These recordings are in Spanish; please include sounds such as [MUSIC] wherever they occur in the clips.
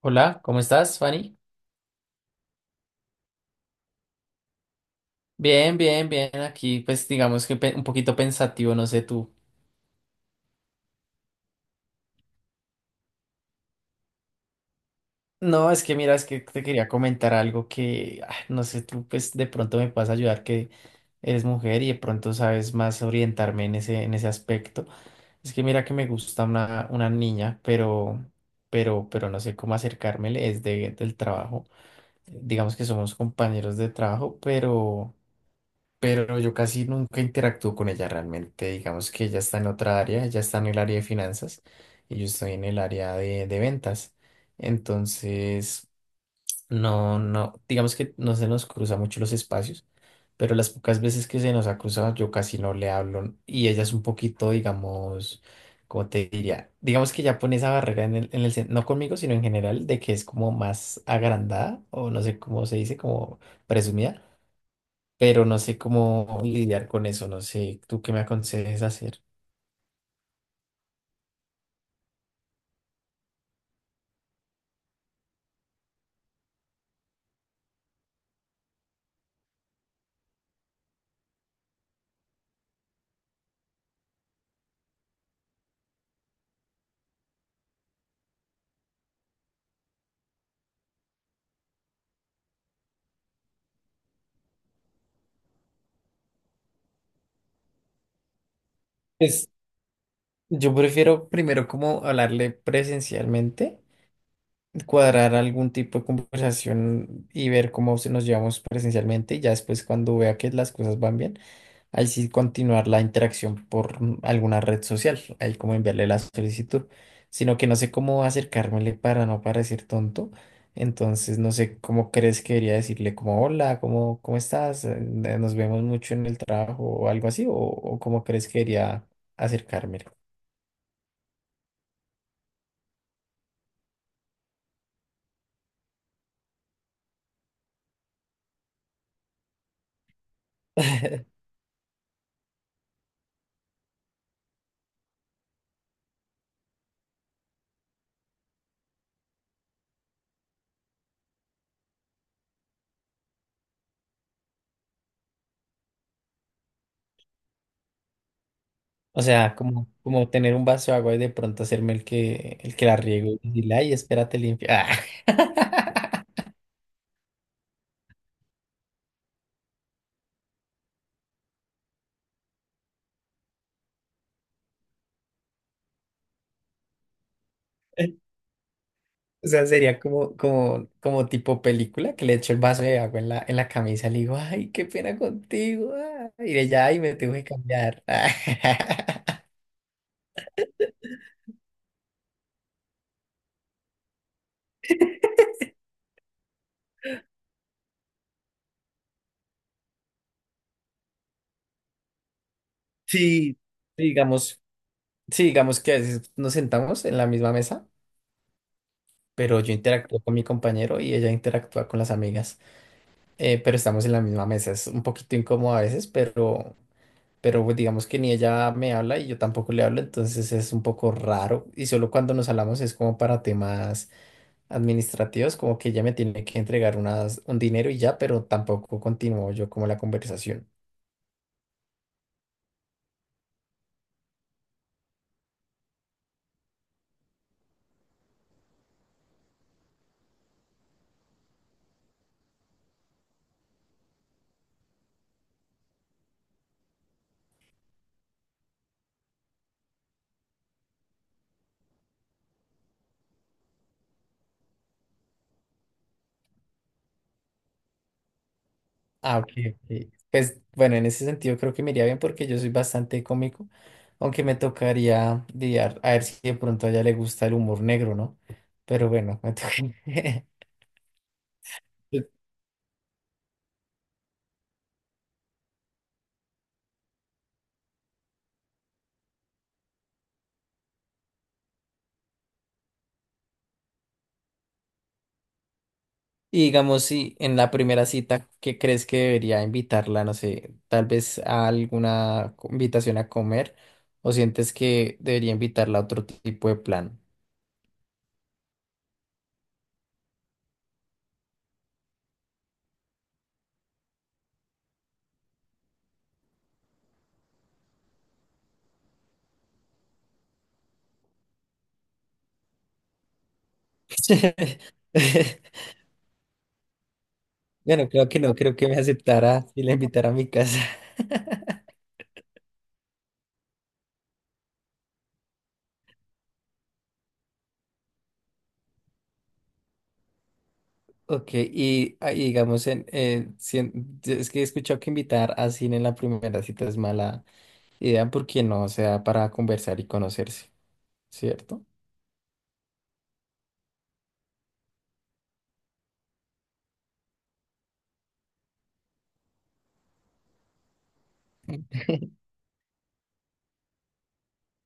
Hola, ¿cómo estás, Fanny? Bien, bien, bien. Aquí, pues digamos que un poquito pensativo, no sé tú. No, es que mira, es que te quería comentar algo que, no sé, tú pues de pronto me puedes ayudar que eres mujer y de pronto sabes más orientarme en en ese aspecto. Es que mira que me gusta una niña, pero, pero no sé cómo acercármele, es del trabajo. Digamos que somos compañeros de trabajo, pero yo casi nunca interactúo con ella realmente. Digamos que ella está en otra área, ella está en el área de finanzas y yo estoy en el área de ventas. Entonces, no, digamos que no se nos cruza mucho los espacios, pero las pocas veces que se nos ha cruzado, yo casi no le hablo y ella es un poquito, digamos, ¿cómo te diría? Digamos que ya pone esa barrera en el, no conmigo, sino en general, de que es como más agrandada o no sé cómo se dice, como presumida, pero no sé cómo lidiar con eso, no sé, ¿tú qué me aconsejes hacer? Pues yo prefiero primero como hablarle presencialmente, cuadrar algún tipo de conversación y ver cómo se nos llevamos presencialmente y ya después cuando vea que las cosas van bien. Ahí sí continuar la interacción por alguna red social, ahí como enviarle la solicitud, sino que no sé cómo acercármele para no parecer tonto. Entonces no sé cómo crees que debería decirle como hola, cómo estás. Nos vemos mucho en el trabajo o algo así, o cómo crees que debería acercármele. [LAUGHS] O sea, como tener un vaso de agua y de pronto hacerme el que la riego y decirle, ay, espérate limpia. [LAUGHS] O sea, sería como tipo película que le echo el vaso de agua en la camisa y le digo, ay, qué pena contigo, ah. Y ella, ay, me tengo que cambiar. [LAUGHS] Sí, sí, digamos, sí, digamos que a veces nos sentamos en la misma mesa, pero yo interactúo con mi compañero y ella interactúa con las amigas, pero estamos en la misma mesa. Es un poquito incómodo a veces, pero pues, digamos que ni ella me habla y yo tampoco le hablo, entonces es un poco raro. Y solo cuando nos hablamos es como para temas administrativos, como que ella me tiene que entregar un dinero y ya, pero tampoco continuó yo como la conversación. Ah, ok, ok. Pues bueno, en ese sentido creo que me iría bien porque yo soy bastante cómico, aunque me tocaría lidiar a ver si de pronto a ella le gusta el humor negro, ¿no? Pero bueno, me toca. [LAUGHS] Y digamos, si en la primera cita, ¿qué crees que debería invitarla? No sé, tal vez a alguna invitación a comer, o sientes que debería invitarla a otro tipo de plan. [LAUGHS] Bueno, creo que no, creo que me aceptará y la invitará a mi casa. [LAUGHS] Ok, y, y digamos, en, si en- yo es que he escuchado que invitar a cine en la primera cita es mala idea porque no se da para conversar y conocerse, ¿cierto?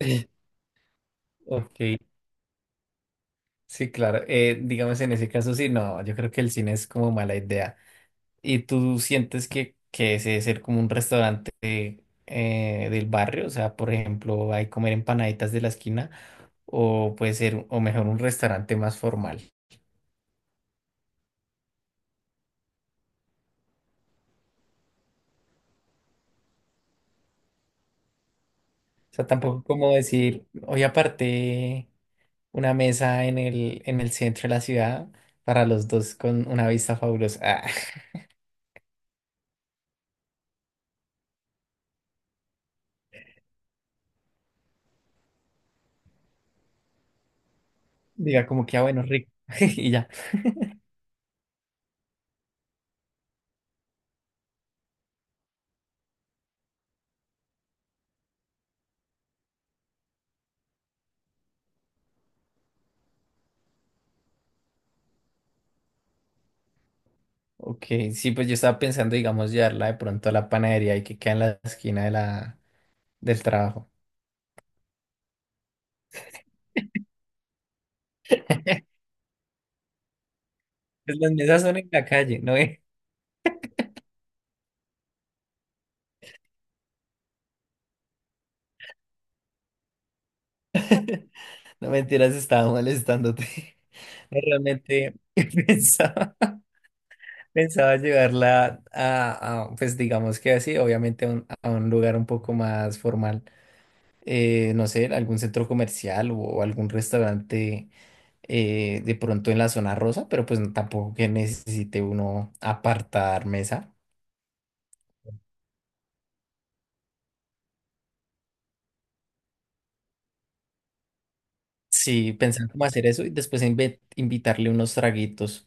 [LAUGHS] Ok, sí, claro. Digamos, en ese caso, sí, no, yo creo que el cine es como mala idea. ¿Y tú sientes que ese debe ser como un restaurante del barrio? O sea, por ejemplo, hay comer empanaditas de la esquina o puede ser, o mejor, un restaurante más formal. O sea, tampoco como decir, hoy aparté una mesa en el centro de la ciudad para los dos con una vista fabulosa. Ah. [LAUGHS] Diga como que, ah, bueno, rico. [LAUGHS] Y ya. Ok, sí, pues yo estaba pensando, digamos, llevarla de pronto a la panadería y que queda en la esquina de del trabajo. Pues las mesas son en la calle, no, [LAUGHS] no mentiras, estaba molestándote. [LAUGHS] No, realmente [LAUGHS] pensaba, pensaba llevarla pues digamos que así, obviamente a un lugar un poco más formal. No sé, algún centro comercial o algún restaurante de pronto en la zona rosa, pero pues tampoco que necesite uno apartar mesa. Sí, pensaba cómo hacer eso y después invitarle unos traguitos.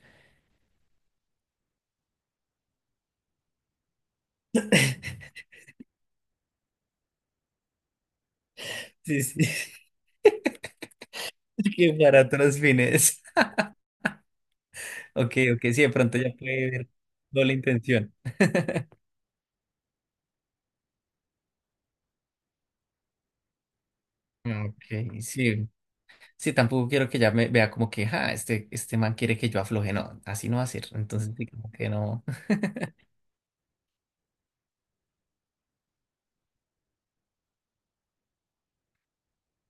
Sí, sí, [LAUGHS] que para otros fines. Ok, ok, sí, de pronto ya puede ver doble intención. Ok, sí. Sí, tampoco quiero que ya me vea como que, ah, este man quiere que yo afloje. No, así no va a ser. Entonces, sí, como que no. [LAUGHS]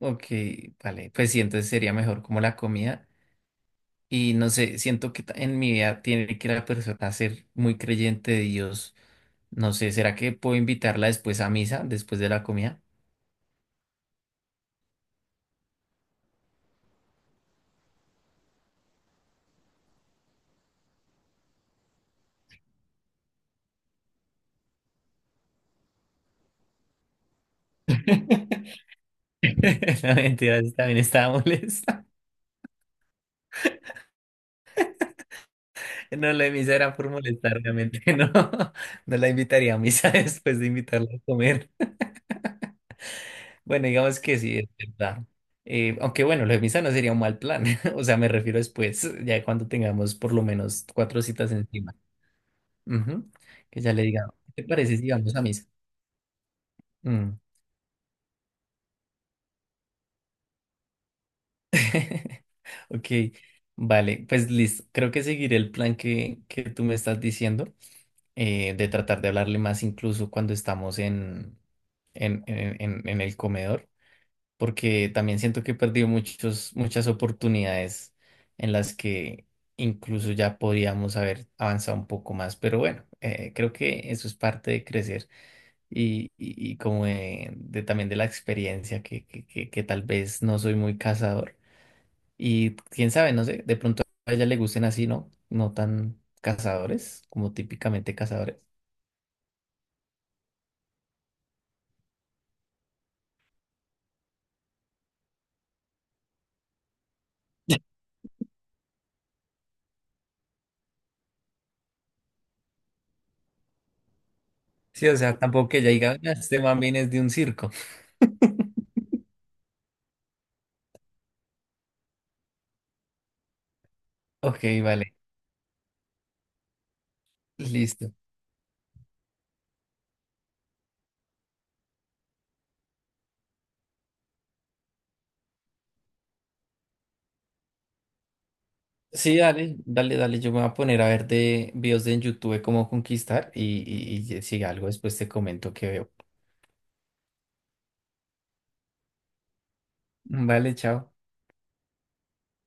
Ok, vale. Pues sí, entonces sería mejor como la comida. Y no sé, siento que en mi vida tiene que la persona ser muy creyente de Dios. No sé, ¿será que puedo invitarla después a misa, después de la comida? [LAUGHS] La mentira, sí, también estaba [LAUGHS] molesta. No, la de misa era por molestar, obviamente, [LAUGHS] no. No la invitaría a misa [LAUGHS] después de invitarla a comer. Bueno, digamos que sí, es verdad. Aunque bueno, lo de misa no sería un mal plan. [LAUGHS] O sea, me refiero después, ya cuando tengamos por lo menos cuatro citas encima. Ujú. Que ya le diga, ¿qué te parece si vamos a misa? Mm. [LAUGHS] Ok, vale, pues listo. Creo que seguiré el plan que tú me estás diciendo, de tratar de hablarle más incluso cuando estamos en el comedor, porque también siento que he perdido muchas oportunidades en las que incluso ya podíamos haber avanzado un poco más. Pero bueno, creo que eso es parte de crecer y como de también de la experiencia que tal vez no soy muy cazador. Y quién sabe, no sé, de pronto a ella le gusten así, ¿no? No tan cazadores, como típicamente cazadores. [LAUGHS] Sí, o sea, tampoco que ella diga, "Ah, man viene es de un circo". [LAUGHS] Ok, vale, listo. Sí, dale, dale, dale. Yo me voy a poner a ver de videos de en YouTube de cómo conquistar y si algo después te comento que veo. Vale, chao.